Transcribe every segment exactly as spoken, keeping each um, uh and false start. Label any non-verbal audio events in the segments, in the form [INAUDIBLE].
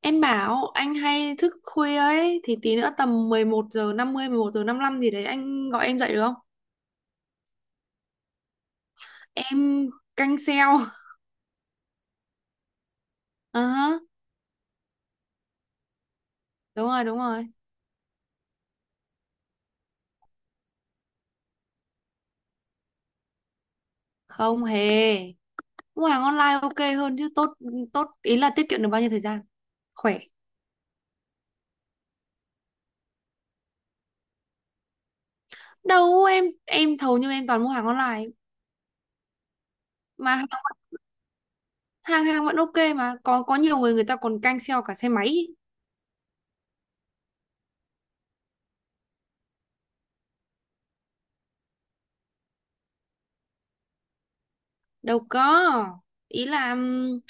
Em bảo anh hay thức khuya ấy thì tí nữa tầm mười một giờ năm mươi mười một giờ năm mươi lăm gì đấy anh gọi em dậy được không? Em canh sale. [LAUGHS] Ờ hả. Đúng rồi, đúng rồi. Không hề. Mua hàng online ok hơn chứ tốt. Tốt ý là tiết kiệm được bao nhiêu thời gian? Khỏe. Đâu, em em hầu như em toàn mua hàng online mà hàng hàng hàng vẫn ok mà có có nhiều người người ta còn canh sale cả xe máy. Đâu có. Ý là ừm,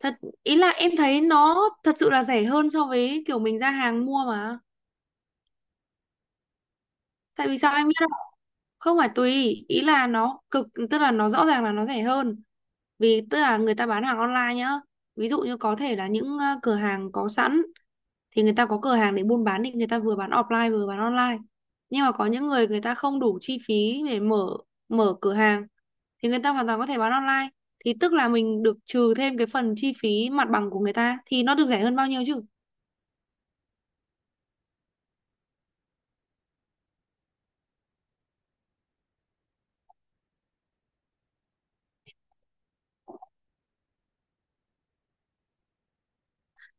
thật ý là em thấy nó thật sự là rẻ hơn so với kiểu mình ra hàng mua mà. Tại vì sao em biết không? Không phải tùy, ý là nó cực, tức là nó rõ ràng là nó rẻ hơn. Vì tức là người ta bán hàng online nhá. Ví dụ như có thể là những ờ, cửa hàng có sẵn thì người ta có cửa hàng để buôn bán thì người ta vừa bán offline vừa bán online. Nhưng mà có những người, người ta không đủ chi phí để mở, mở cửa hàng thì người ta hoàn toàn có thể bán online. Thì tức là mình được trừ thêm cái phần chi phí mặt bằng của người ta thì nó được rẻ hơn bao nhiêu chứ?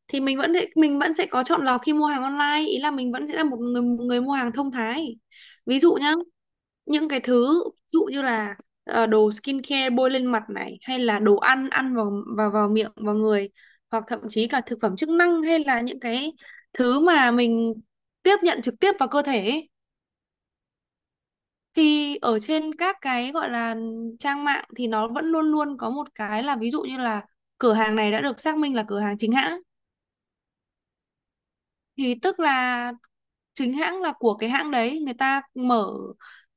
Thì mình vẫn sẽ- Mình vẫn sẽ có chọn lọc khi mua hàng online, ý là mình vẫn sẽ là một người một người mua hàng thông thái. Ví dụ nhá, những cái thứ ví dụ như là ờ, đồ skincare bôi lên mặt này, hay là đồ ăn ăn vào vào vào miệng, vào người, hoặc thậm chí cả thực phẩm chức năng, hay là những cái thứ mà mình tiếp nhận trực tiếp vào cơ thể ấy. Thì ở trên các cái gọi là trang mạng thì nó vẫn luôn luôn có một cái là, ví dụ như là cửa hàng này đã được xác minh là cửa hàng chính hãng. Thì tức là chính hãng là của cái hãng đấy người ta mở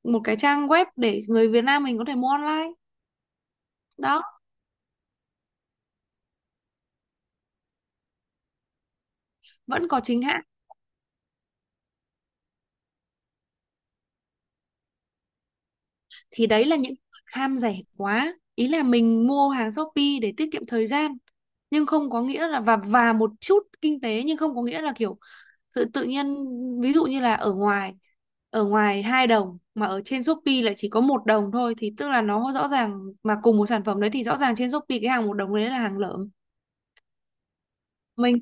một cái trang web để người Việt Nam mình có thể mua online đó. Vẫn có chính hãng. Thì đấy là những người ham rẻ quá, ý là mình mua hàng Shopee để tiết kiệm thời gian, nhưng không có nghĩa là, và và một chút kinh tế, nhưng không có nghĩa là kiểu tự tự nhiên ví dụ như là ở ngoài, ở ngoài hai đồng mà ở trên Shopee lại chỉ có một đồng thôi, thì tức là nó rõ ràng mà cùng một sản phẩm đấy, thì rõ ràng trên Shopee cái hàng một đồng đấy là hàng lởm. Mình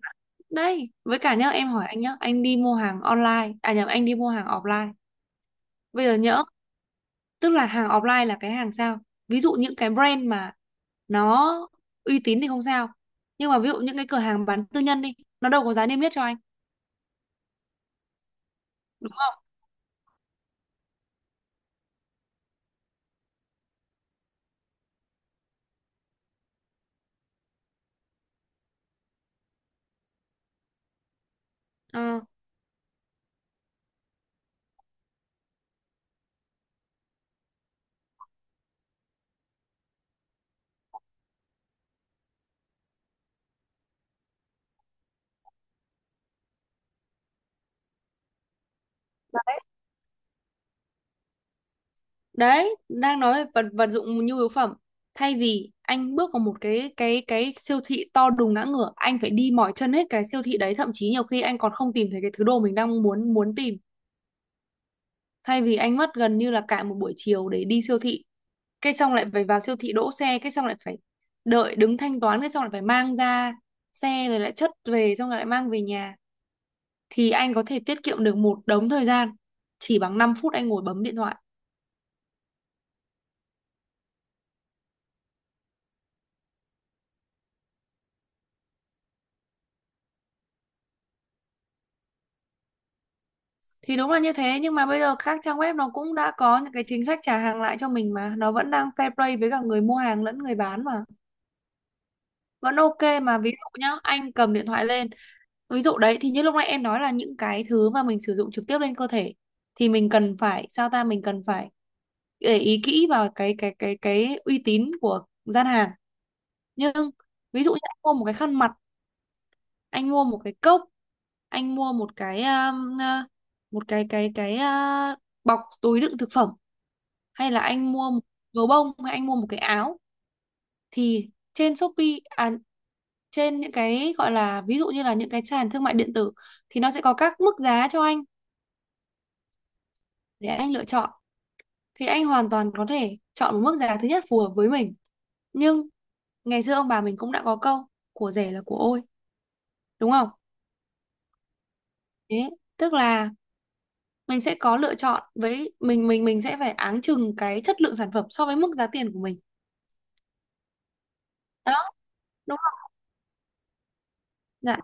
đây với cả nhớ em hỏi anh nhá, anh đi mua hàng online à, nhầm, anh đi mua hàng offline bây giờ nhỡ, tức là hàng offline là cái hàng sao, ví dụ những cái brand mà nó uy tín thì không sao, nhưng mà ví dụ những cái cửa hàng bán tư nhân đi, nó đâu có giá niêm yết cho anh, đúng không? Ờ, đấy, đang nói về vật vật dụng nhu yếu phẩm, thay vì anh bước vào một cái cái cái siêu thị to đùng ngã ngửa, anh phải đi mỏi chân hết cái siêu thị đấy, thậm chí nhiều khi anh còn không tìm thấy cái thứ đồ mình đang muốn muốn tìm. Thay vì anh mất gần như là cả một buổi chiều để đi siêu thị, cái xong lại phải vào siêu thị đỗ xe, cái xong lại phải đợi đứng thanh toán, cái xong lại phải mang ra xe, rồi lại chất về, xong rồi lại mang về nhà, thì anh có thể tiết kiệm được một đống thời gian chỉ bằng năm phút anh ngồi bấm điện thoại. Thì đúng là như thế, nhưng mà bây giờ các trang web nó cũng đã có những cái chính sách trả hàng lại cho mình mà, nó vẫn đang fair play với cả người mua hàng lẫn người bán mà. Vẫn ok mà, ví dụ nhá anh cầm điện thoại lên, ví dụ đấy thì như lúc nãy em nói là những cái thứ mà mình sử dụng trực tiếp lên cơ thể thì mình cần phải sao ta, mình cần phải để ý kỹ vào cái cái cái cái uy tín của gian hàng. Nhưng ví dụ như anh mua một cái khăn mặt, anh mua một cái cốc, anh mua một cái um, à, một cái cái cái à, bọc túi đựng thực phẩm, hay là anh mua một gấu bông, hay anh mua một cái áo, thì trên Shopee, à, trên những cái gọi là ví dụ như là những cái sàn thương mại điện tử thì nó sẽ có các mức giá cho anh để anh lựa chọn. Thì anh hoàn toàn có thể chọn một mức giá thứ nhất phù hợp với mình, nhưng ngày xưa ông bà mình cũng đã có câu của rẻ là của ôi, đúng không? Thế tức là mình sẽ có lựa chọn với mình mình mình sẽ phải áng chừng cái chất lượng sản phẩm so với mức giá tiền của mình đó, đúng không? Dạ,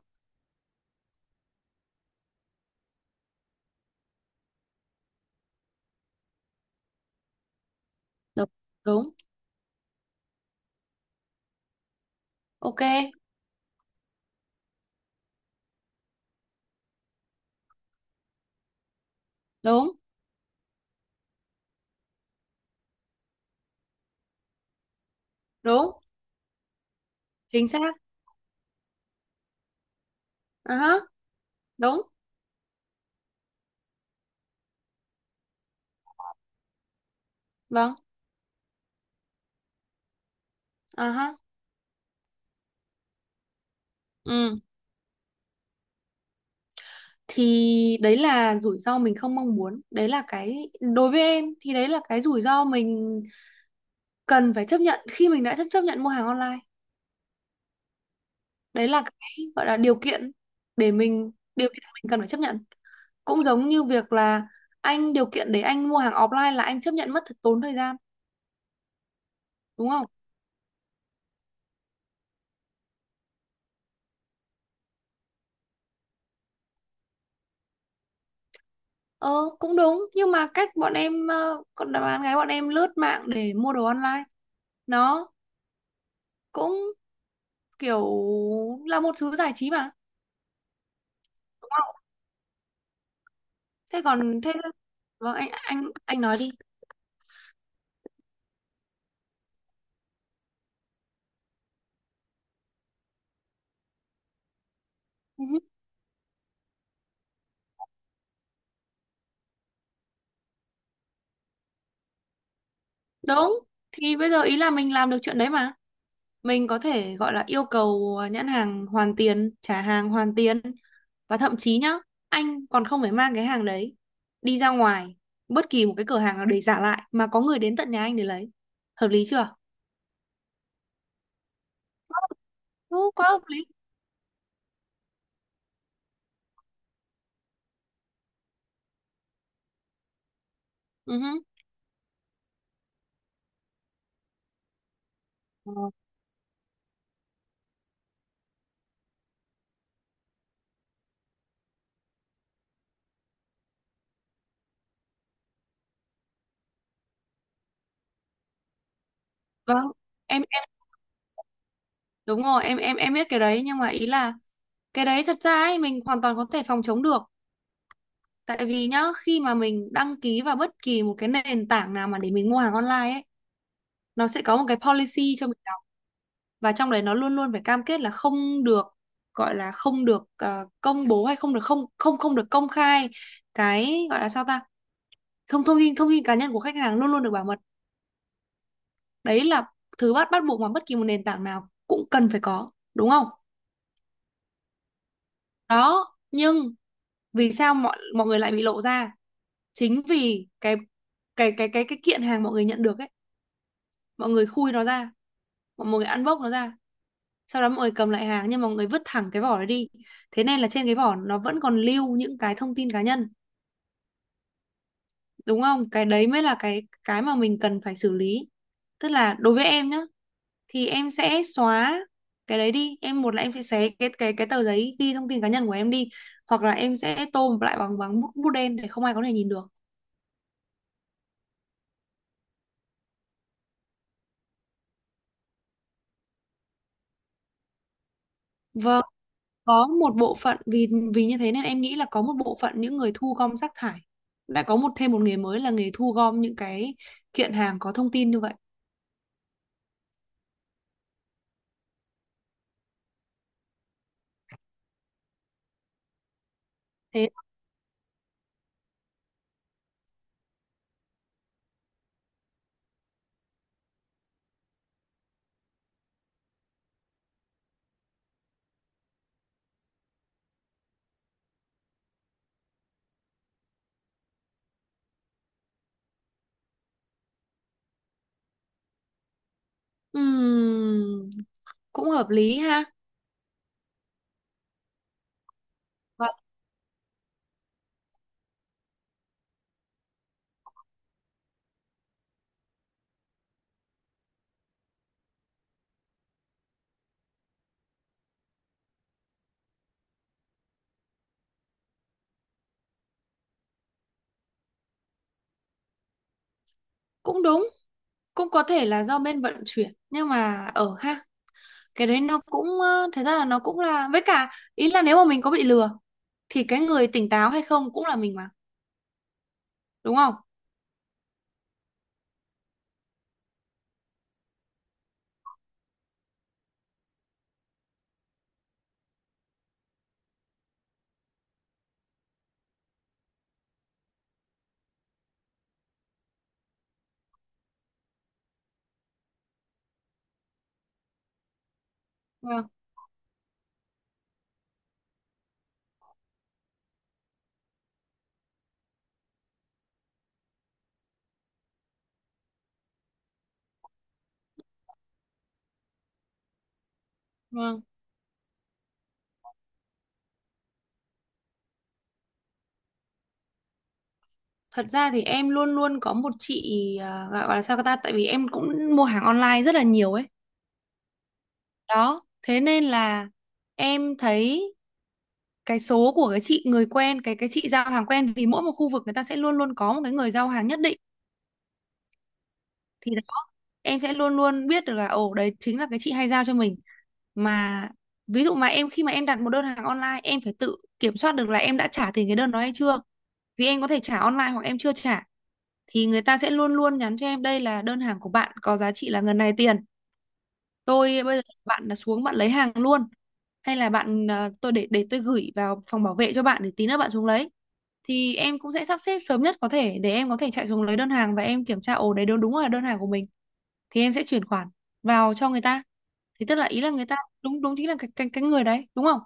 đúng đúng, ok, đúng đúng, chính xác, à ha, đúng, vâng, à ha, ừ. Thì đấy là rủi ro mình không mong muốn, đấy là cái, đối với em thì đấy là cái rủi ro mình cần phải chấp nhận khi mình đã chấp chấp nhận mua hàng online. Đấy là cái gọi là điều kiện để mình, điều kiện mình cần phải chấp nhận, cũng giống như việc là anh, điều kiện để anh mua hàng offline là anh chấp nhận mất thật tốn thời gian, đúng không? Ờ, cũng đúng, nhưng mà cách bọn em, ờ, còn là bạn gái bọn em lướt mạng để mua đồ online, nó cũng kiểu là một thứ giải trí mà. Thế còn thế, vâng, anh anh anh nói đi. Ừ, đúng. Thì bây giờ, ý là mình làm được chuyện đấy mà, mình có thể gọi là yêu cầu nhãn hàng hoàn tiền, trả hàng hoàn tiền. Và thậm chí nhá, anh còn không phải mang cái hàng đấy đi ra ngoài bất kỳ một cái cửa hàng nào để trả lại, mà có người đến tận nhà anh để lấy. Hợp lý chưa? Đúng, quá hợp lý. Ừ. Hứ. Ờ, vâng. em em Đúng rồi, em em em biết cái đấy nhưng mà ý là cái đấy thật ra ấy mình hoàn toàn có thể phòng chống được. Tại vì nhá, khi mà mình đăng ký vào bất kỳ một cái nền tảng nào mà để mình mua hàng online ấy, nó sẽ có một cái policy cho mình đọc, và trong đấy nó luôn luôn phải cam kết là không được, gọi là không được ờ, công bố, hay không được, không không không được công khai cái gọi là sao ta? Thông Thông tin, thông tin cá nhân của khách hàng luôn luôn được bảo mật. Đấy là thứ bắt bắt buộc mà bất kỳ một nền tảng nào cũng cần phải có, đúng không? Đó, nhưng vì sao mọi mọi người lại bị lộ ra? Chính vì cái cái cái cái cái kiện hàng mọi người nhận được ấy, mọi người khui nó ra, mọi người ăn bốc nó ra, sau đó mọi người cầm lại hàng nhưng mà mọi người vứt thẳng cái vỏ đó đi, thế nên là trên cái vỏ nó vẫn còn lưu những cái thông tin cá nhân, đúng không? Cái đấy mới là cái cái mà mình cần phải xử lý. Tức là đối với em nhá, thì em sẽ xóa cái đấy đi em, một là em sẽ xé cái cái cái tờ giấy ghi thông tin cá nhân của em đi, hoặc là em sẽ tô lại bằng, bằng bút, bút đen để không ai có thể nhìn được. Vâng, có một bộ phận, vì vì như thế nên em nghĩ là có một bộ phận những người thu gom rác thải đã có một, thêm một nghề mới là nghề thu gom những cái kiện hàng có thông tin như vậy. Thế ừm, cũng hợp lý ha. Và cũng đúng, cũng có thể là do bên vận chuyển nhưng mà ở ha, cái đấy nó cũng ờ, thật ra là nó cũng là, với cả ý là nếu mà mình có bị lừa thì cái người tỉnh táo hay không cũng là mình mà, đúng không? Vâng, vâng. Thật ra thì em luôn luôn có một chị, à, gọi, gọi là sao ta, tại vì em cũng mua hàng online rất là nhiều ấy. Đó, thế nên là em thấy cái số của cái chị người quen, cái cái chị giao hàng quen, vì mỗi một khu vực người ta sẽ luôn luôn có một cái người giao hàng nhất định. Thì đó, em sẽ luôn luôn biết được là ồ đấy chính là cái chị hay giao cho mình mà. Ví dụ mà em khi mà em đặt một đơn hàng online em phải tự kiểm soát được là em đã trả tiền cái đơn đó hay chưa, vì em có thể trả online hoặc em chưa trả, thì người ta sẽ luôn luôn nhắn cho em đây là đơn hàng của bạn có giá trị là ngần này tiền, tôi bây giờ bạn là xuống bạn lấy hàng luôn, hay là bạn, à, tôi để, để tôi gửi vào phòng bảo vệ cho bạn để tí nữa bạn xuống lấy. Thì em cũng sẽ sắp xếp sớm nhất có thể để em có thể chạy xuống lấy đơn hàng và em kiểm tra, ồ đấy đúng, đúng là đơn hàng của mình, thì em sẽ chuyển khoản vào cho người ta. Thì tức là ý là người ta đúng, đúng chính là cái cái, cái người đấy, đúng không?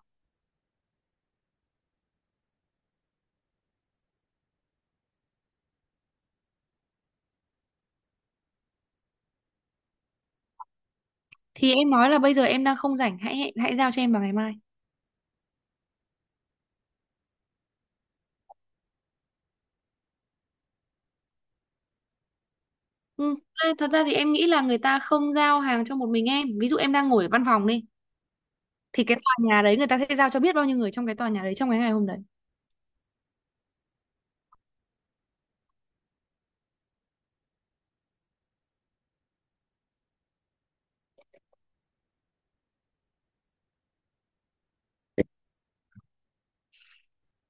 Thì em nói là bây giờ em đang không rảnh, hãy hãy, hãy giao cho em vào ngày mai. Ừ. À, thật ra thì em nghĩ là người ta không giao hàng cho một mình em, ví dụ em đang ngồi ở văn phòng đi, thì cái tòa nhà đấy người ta sẽ giao cho biết bao nhiêu người trong cái tòa nhà đấy trong cái ngày hôm đấy.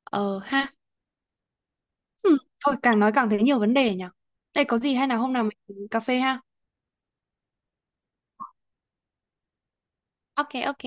Ờ ha. Ừm, thôi càng nói càng thấy nhiều vấn đề nhỉ, đây có gì hay là hôm nào mình cà phê ha. Ok, ok.